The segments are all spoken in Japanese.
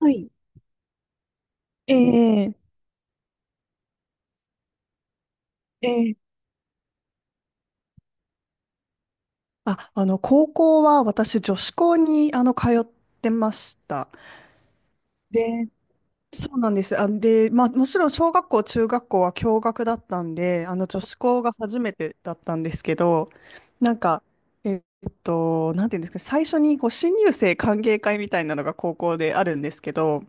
はい。ええええ高校は私、女子校に、通ってました。で、そうなんです。あ、で、まあ、もちろん、小学校、中学校は共学だったんで、女子校が初めてだったんですけど、なんか、えっなんていうんですか、最初に、こう、新入生歓迎会みたいなのが高校であるんですけど、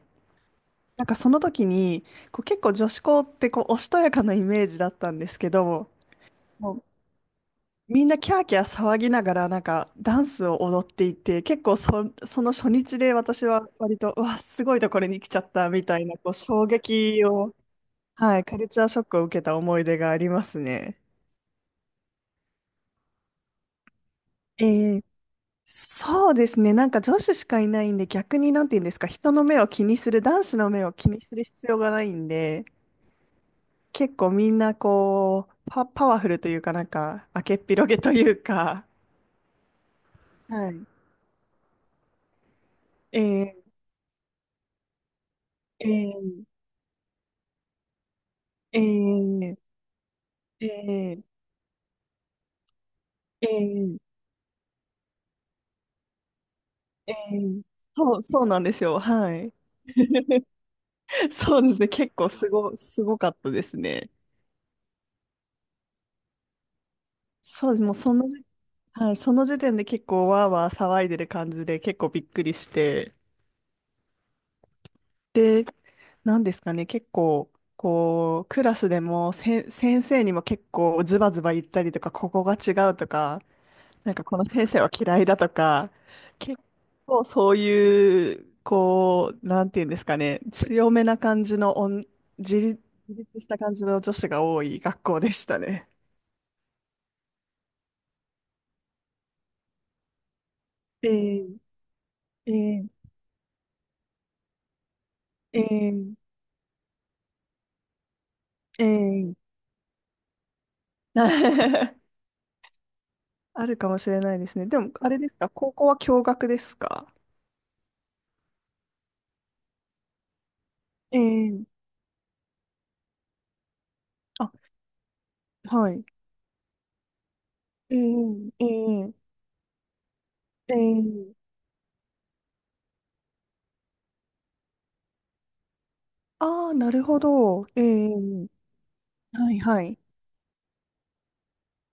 なんかその時に、こう結構女子校ってこうおしとやかなイメージだったんですけど、もうみんなキャーキャー騒ぎながらなんかダンスを踊っていて結構そ、その初日で私は割とうわすごいところに来ちゃったみたいなこう衝撃を、はい、カルチャーショックを受けた思い出がありますね。えーそうですね。なんか女子しかいないんで逆に、なんて言うんですか、人の目を気にする男子の目を気にする必要がないんで、結構みんなこうパワフルというか、なんか明けっぴろげというか。はい。えーえーえーええええええそうなんですよ。はい。そうですね。結構すごかったですね。そうです。もうその時、はい、その時点で結構わーわー騒いでる感じで結構びっくりして。で、なんですかね。結構、こう、クラスでも先生にも結構ズバズバ言ったりとか、ここが違うとか、なんかこの先生は嫌いだとか、結構そういう、こう、なんていうんですかね、強めな感じの自立した感じの女子が多い学校でしたね。ええええええええ あるかもしれないですね。でも、あれですか、高校は共学ですか？ええあ、はい。ええええええああー、なるほど。ええ、はいはい。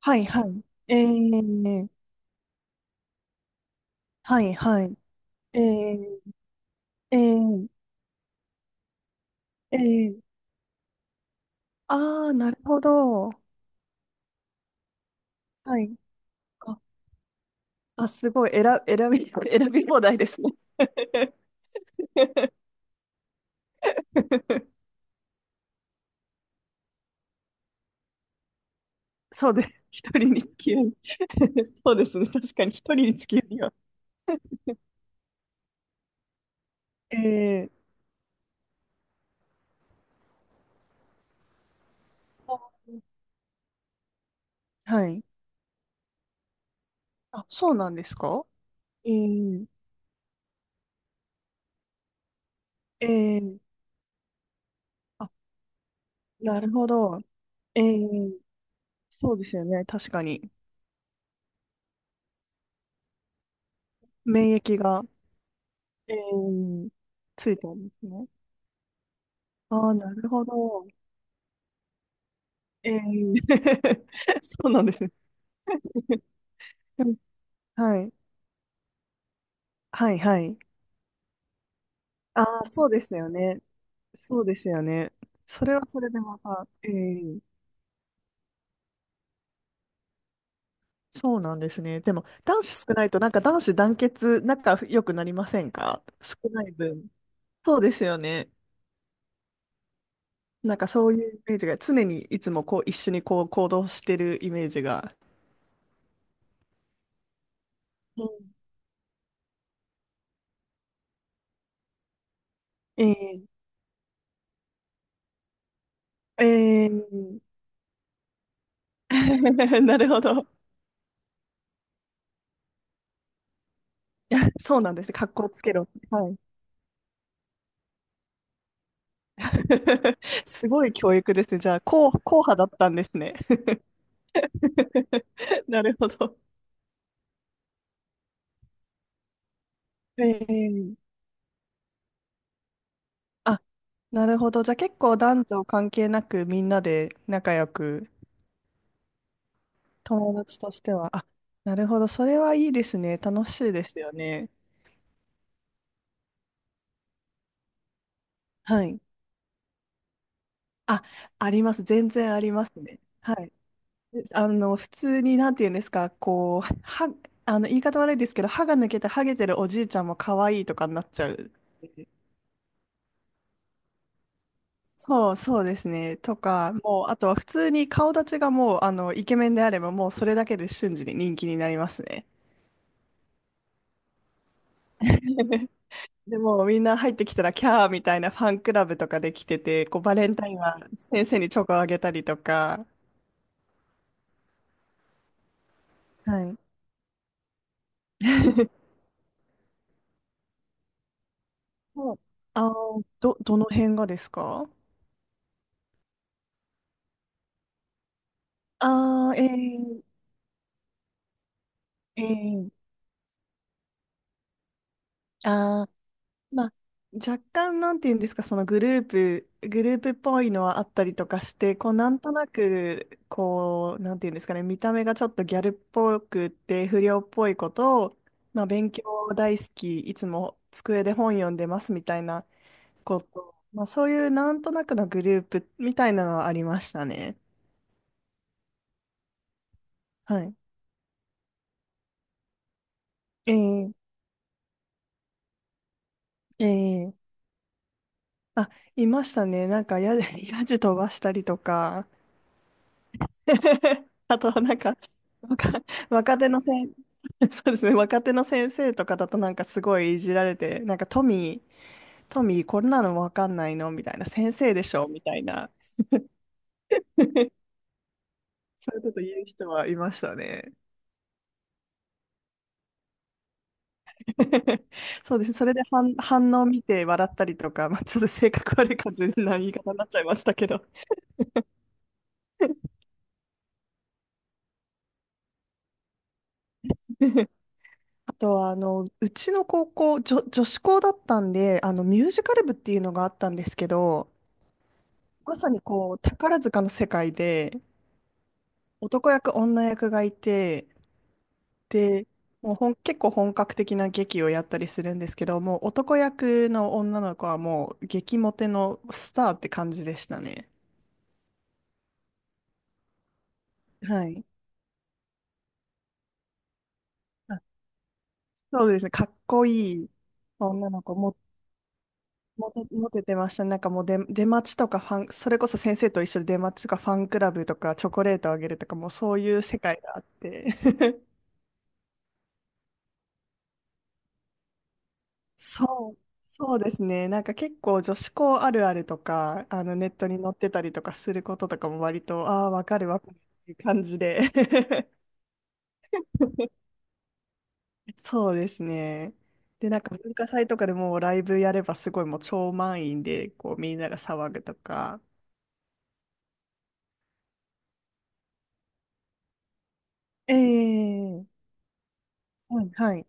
はいはい。ええ、はいはい。ええええええああー、なるほど。はい。あ、あ、すごい。選び放題ですね。そうです。一人につき合い。そうですね。確かに一人につき合いには。ええあ、はい。あ、そうなんですか？ええええあ、なるほど。ええ、そうですよね。確かに。免疫が、ええ、ついてるんですね。ああ、なるほど。ええ、 そうなんですね。でも、はい。はい、はい。ああ、そうですよね。そうですよね。それはそれでまた、ええ、そうなんですね。でも、男子少ないと、なんか男子団結、仲良くなりませんか？少ない分。そうですよね。なんかそういうイメージが、常にいつもこう、一緒にこう、行動してるイメージが。うん、ええええ なるほど。いや、そうなんですね。格好つけろ。はい。すごい教育ですね。じゃあ、硬派だったんですね。なるほど。ええあ、なるほど。じゃあ結構男女関係なくみんなで仲良く、友達としては。あ、なるほど。それはいいですね。楽しいですよね。はい。あ、あります。全然ありますね。はい。で、普通に、なんて言うんですか、こう、言い方悪いですけど、歯が抜けてハゲてるおじいちゃんも可愛いとかになっちゃう。そうですね。とか、もう、あとは普通に顔立ちがもう、イケメンであれば、もうそれだけで瞬時に人気になりますね。でも、みんな入ってきたら、キャーみたいなファンクラブとかできてて、こう、バレンタインは先生にチョコあげたりとか。はい。もうあー、どの辺がですか？ああー、えー、えー、あ、まあ、若干、なんて言うんですか、そのグループっぽいのはあったりとかして、こう、なんとなく、こう、なんて言うんですかね、見た目がちょっとギャルっぽくって、不良っぽいことを、まあ、勉強大好き、いつも机で本読んでますみたいなこと、まあ、そういうなんとなくのグループみたいなのはありましたね。はい。ええええあ、いましたね。なんかやじ飛ばしたりとか、あとなんか、若、若手の先、そうですね、若手の先生とかだとなんかすごいいじられて、なんかトミーこんなのわかんないのみたいな、先生でしょみたいな、そういうこと言う人はいましたね。そうです。それで反応を見て笑ったりとか、まあ、ちょっと性格悪い感じな言い方になっちゃいましたけど。あとは、うちの高校、女子校だったんで、ミュージカル部っていうのがあったんですけど、まさにこう、宝塚の世界で、男役、女役がいて、で、もう結構本格的な劇をやったりするんですけど、もう男役の女の子はもう激モテのスターって感じでしたね。はい。あ、そうですね。かっこいい女の子も、モテてましたね。なんかもう出待ちとかファン、それこそ先生と一緒に出待ちとかファンクラブとかチョコレートあげるとか、もうそういう世界があって。そう、そうですね。なんか結構女子校あるあるとか、ネットに載ってたりとかすることとかも割と、ああ、わかるわかるっていう感じで。そうですね。で、なんか文化祭とかでもうライブやればすごいもう超満員で、こうみんなが騒ぐとか。ええ、はい、はい。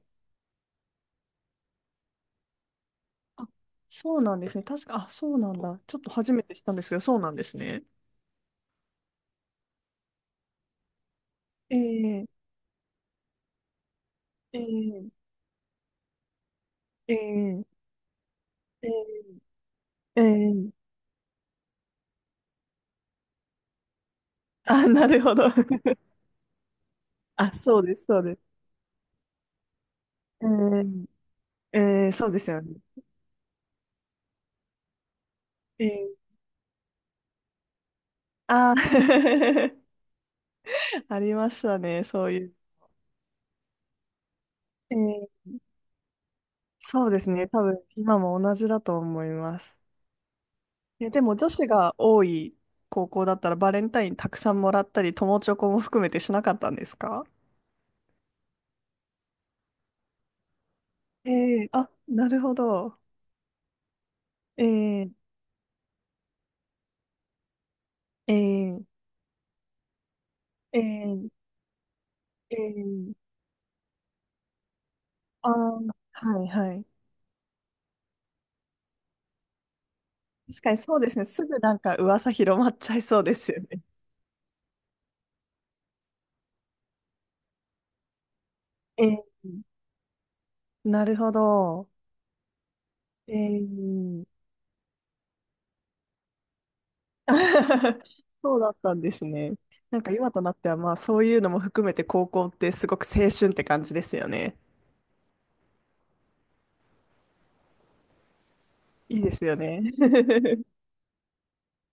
あ、そうなんですね。確か、あ、そうなんだ。ちょっと初めて知ったんですけど、そうなんですね。ええええええええええあ、なるほど。あ、そうです、そうです。えー、そうですよね。えー、あー ありましたね、そういう。えー、そうですね、多分今も同じだと思います。え、でも女子が多い高校だったらバレンタインたくさんもらったり、友チョコも含めてしなかったんですか？あ、なるほど。えー、えー、えー、えー、はいはい。確かにそうですね、すぐなんか噂広まっちゃいそうですよね。なるほど。えー、そうだったんですね。なんか今となってはまあそういうのも含めて高校ってすごく青春って感じですよね。いいですよね。